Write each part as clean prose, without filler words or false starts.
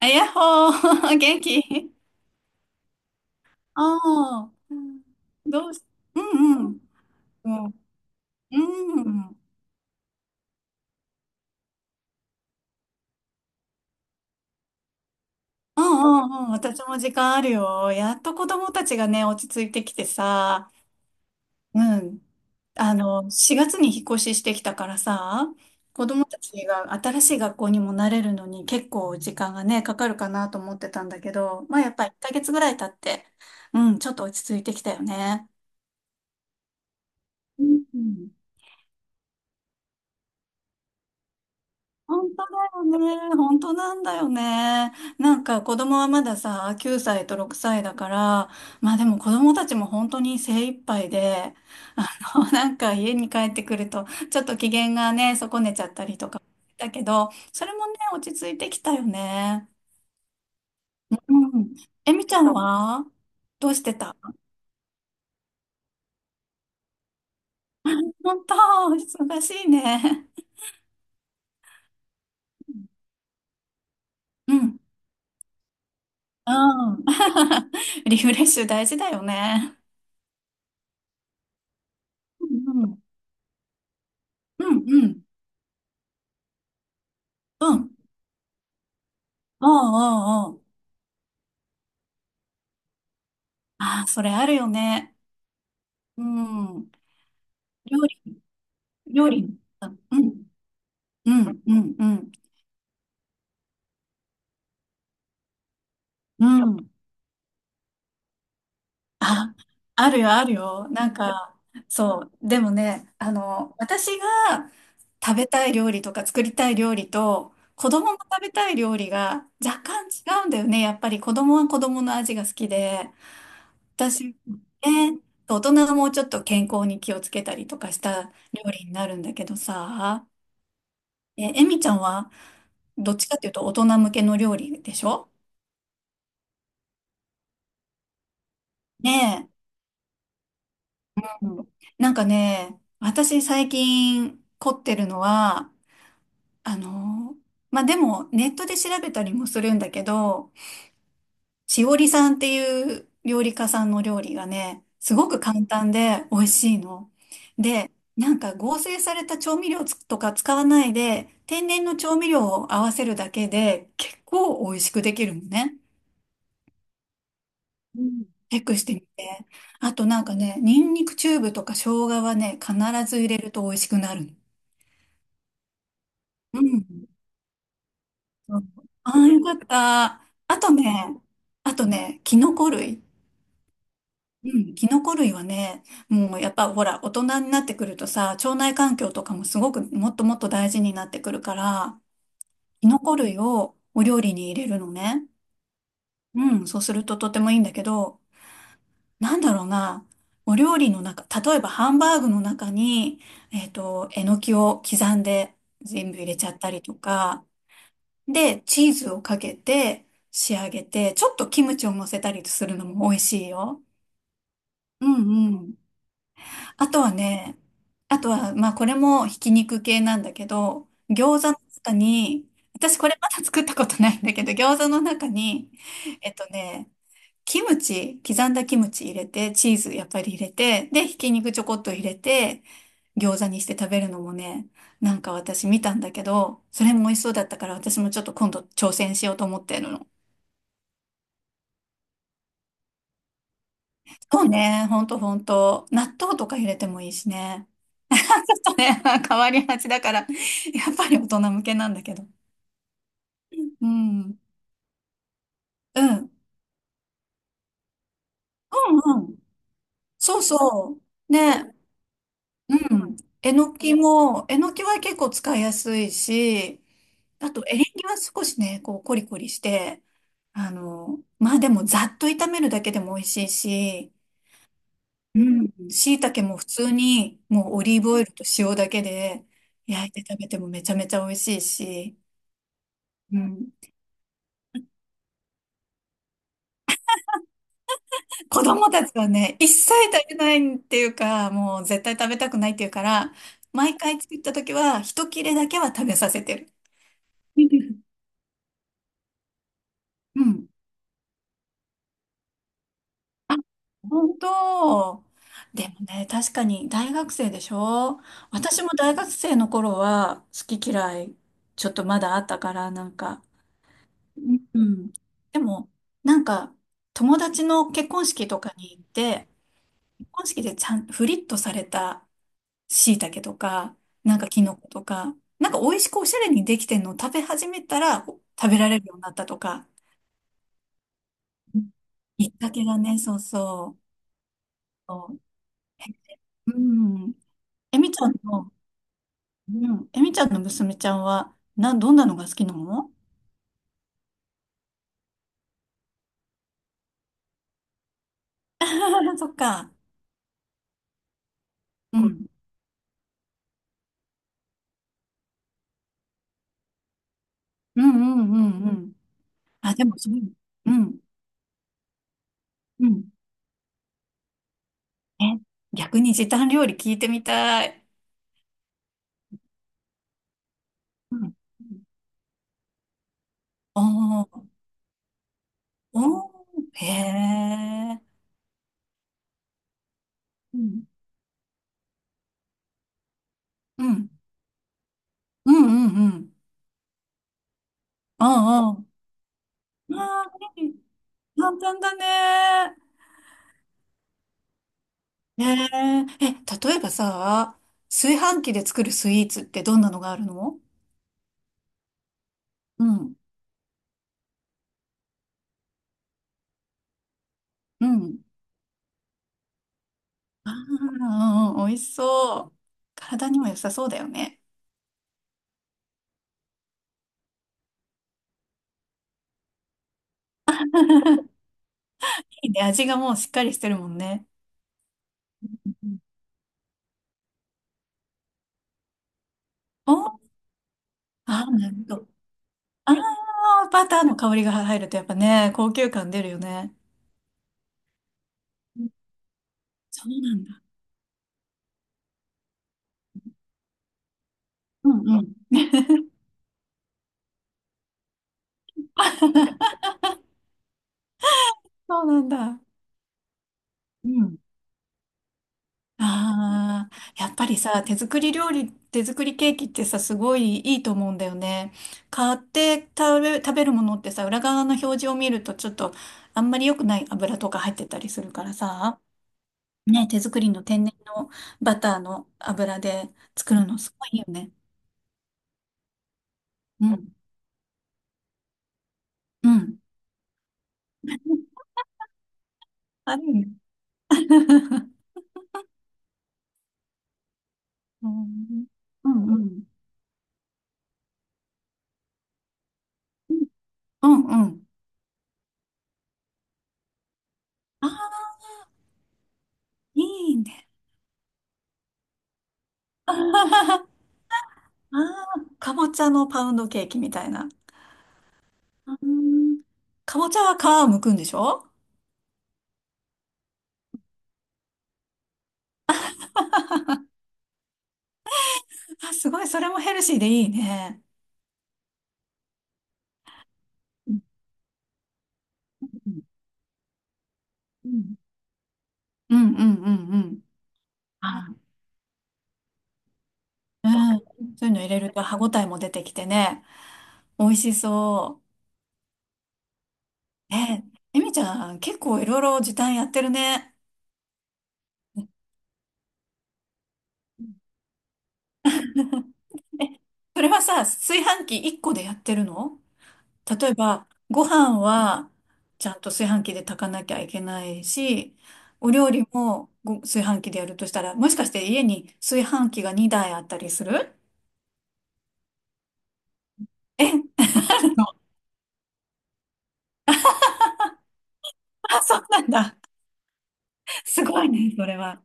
あ、やっほー、元気。ああー、どうし、うんうん。うん、うん、うんうん。うん、私も時間あるよ。やっと子供たちがね、落ち着いてきてさ、うん。あの、4月に引っ越ししてきたからさ、子供たちが新しい学校にも慣れるのに結構時間がね、かかるかなと思ってたんだけど、まあやっぱり1ヶ月ぐらい経って、うん、ちょっと落ち着いてきたよね。うん、本当だよね。本当なんだよね。なんか子供はまださ、9歳と6歳だから、まあでも子供たちも本当に精一杯で、あなんか家に帰ってくると、ちょっと機嫌がね、損ねちゃったりとか、だけど、それもね、落ち着いてきたよね。うん。えみちゃんはどうしてた？本当、忙しいね。うん。うん。リフレッシュ大事だよね。うんうん。うんうん。うんうんうんうん。ああ、それあるよね。うん。料理、料理。うん、うん、うん、うん。うん、あ、あるよ、あるよ。なんか、そう。でもね、私が食べたい料理とか作りたい料理と、子供の食べたい料理が若干違うんだよね。やっぱり子供は子供の味が好きで、私、ね、大人がもうちょっと健康に気をつけたりとかした料理になるんだけどさ、え、エミちゃんはどっちかっていうと大人向けの料理でしょ？ねえ。うん、なんかね、私最近凝ってるのは、あの、まあ、でもネットで調べたりもするんだけど、しおりさんっていう料理家さんの料理がね、すごく簡単で美味しいの。で、なんか合成された調味料つとか使わないで、天然の調味料を合わせるだけで結構美味しくできるのね。うん。チェックしてみて。あとなんかね、ニンニクチューブとか生姜はね、必ず入れると美味しくなるの。うん。そう、ああ、よかった。あとね、あとね、キノコ類。うん、キノコ類はね、もうやっぱほら、大人になってくるとさ、腸内環境とかもすごくもっともっと大事になってくるから、キノコ類をお料理に入れるのね。うん、そうするととてもいいんだけど、なんだろうな、お料理の中、例えばハンバーグの中に、えのきを刻んで全部入れちゃったりとか、で、チーズをかけて仕上げて、ちょっとキムチを乗せたりするのも美味しいよ。うんうん。あとはね、あとは、まあこれもひき肉系なんだけど、餃子の中に、私これまだ作ったことないんだけど、餃子の中に、えっとね、キムチ、刻んだキムチ入れて、チーズやっぱり入れて、で、ひき肉ちょこっと入れて、餃子にして食べるのもね、なんか私見たんだけど、それも美味しそうだったから私もちょっと今度挑戦しようと思ってるの。そうね、ほんとほんと。納豆とか入れてもいいしね。とね、変わりがちだから、やっぱり大人向けなんだけど。うん。うん。うんうん。そうそう。ね。うん。えのきも、えのきは結構使いやすいし、あとエリンギは少しね、こうコリコリして、まあでもざっと炒めるだけでも美味しいし、うん。椎茸も普通にもうオリーブオイルと塩だけで焼いて食べてもめちゃめちゃ美味しいし、うん。子供たちはね、一切食べないっていうか、もう絶対食べたくないっていうから、毎回作った時は、一切れだけは食べさせてる。うん。あ、本当。でもね、確かに大学生でしょ？私も大学生の頃は好き嫌い、ちょっとまだあったから、なんか。うん。でも、なんか、友達の結婚式とかに行って、結婚式でちゃん、フリットされた椎茸とか、なんかキノコとか、なんか美味しくおしゃれにできてんのを食べ始めたらお食べられるようになったとか、うん、きっかけがね、そうそう。そう、え、うん。えみちゃんの、うん。えみちゃんの娘ちゃんは、な、どんなのが好きなの？ そっか。うん。うんうんうんうん。あ、でも、そう。うん。うん。え、逆に時短料理聞いてみたい。うん。おー、おー、へえ。うん。うんうんうんうん。ああ、ああ。ああ、簡単だね。ええ、え、例えばさ、炊飯器で作るスイーツってどんなのがあるの？うん。うん。ああ、うんうん、美味しそう。体にも良さそうだよね。いいね、味がもうしっかりしてるもんね。うん、お、ああ、なるほど。ああ、バターの香りが入るとやっぱね、高級感出るよね。うん、そうなんだ。うんうん。そうなんだ。うん。ああ、やっぱりさ、手作り料理、手作りケーキってさ、すごいいいと思うんだよね。買って食べ、食べるものってさ、裏側の表示を見るとちょっとあんまり良くない油とか入ってたりするからさ、ね、手作りの天然のバターの油で作るのすごいいいよね。うん。うん。あるよね。うん。うん。うん。うんうん。ああ、いいね。ああ、かぼちゃのパウンドケーキみたいな。うーん、かぼちゃは皮を剥くんでしょ？あ、すごい、それもヘルシーでいいね。うんうんうんうんうんうんうん。あ、うん。そういうの入れると歯ごたえも出てきてね、美味しそう。え、えみちゃん、結構いろいろ時短やってるね。え、それはさ、炊飯器1個でやってるの？例えば、ご飯はちゃんと炊飯器で炊かなきゃいけないし、お料理もご炊飯器でやるとしたら、もしかして家に炊飯器が2台あったりする？え、あ、そうなんだ。すごいね、それは。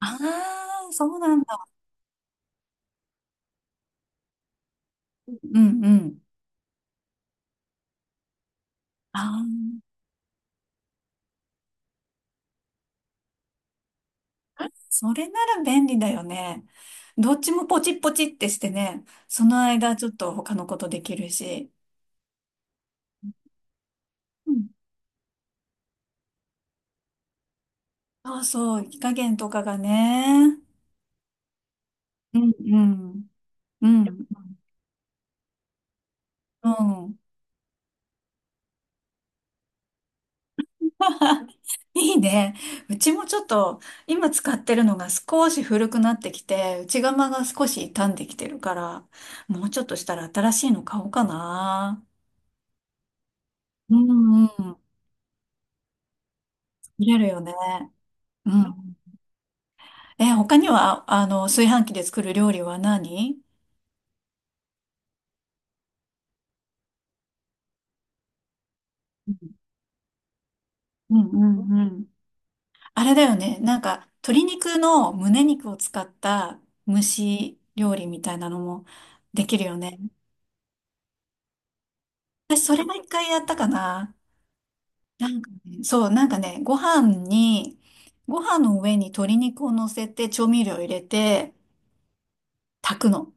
ああ、そうなんだ。うんうん。ああ、それなら便利だよね。どっちもポチッポチってしてね、その間ちょっと他のことできるし。うん、そうそう、火加減とかがね。うんうん。うん。うん。いいね。うちもちょっと、今使ってるのが少し古くなってきて、内釜が少し傷んできてるから、もうちょっとしたら新しいの買おうかな。うんうん。見れるよね。うん。え、他には、炊飯器で作る料理は何？うんうんうん。あれだよね。なんか、鶏肉の胸肉を使った蒸し料理みたいなのもできるよね。私、それが一回やったかな。なんかね、そう、なんかね、ご飯に、ご飯の上に鶏肉を乗せて調味料入れて炊くの。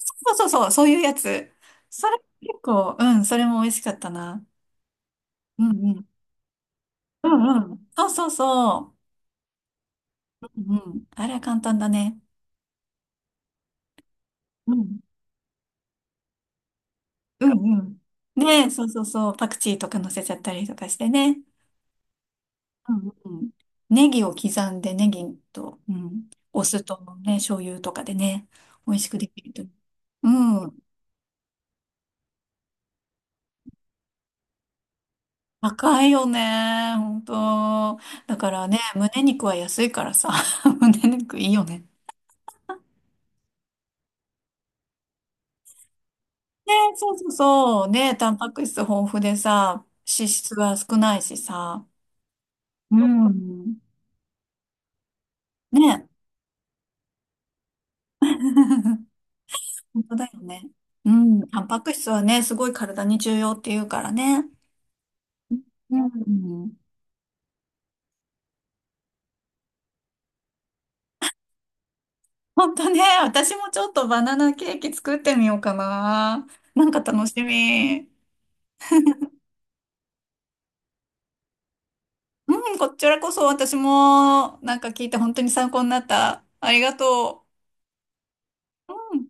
そうそうそう、そういうやつ。それ結構、うん、それも美味しかったな。うんうん。うんうん。そうそうそう。うんうん。あれは簡単だね。うん。うんうん。ね、そうそうそう。パクチーとか乗せちゃったりとかしてね。うんうん。ネギを刻んで、ネギと、うん、お酢とね、醤油とかでね、美味しくできると思う。高いよね。本当。だからね、胸肉は安いからさ。胸肉いいよね。ね、そうそうそう。ね、タンパク質豊富でさ、脂質は少ないしさ。うん。ね。本当だよね。うん。タンパク質はね、すごい体に重要って言うからね。うん。本当ね、私もちょっとバナナケーキ作ってみようかな。なんか楽しみ。うん、こちらこそ私もなんか聞いて本当に参考になった。ありがとう。うん。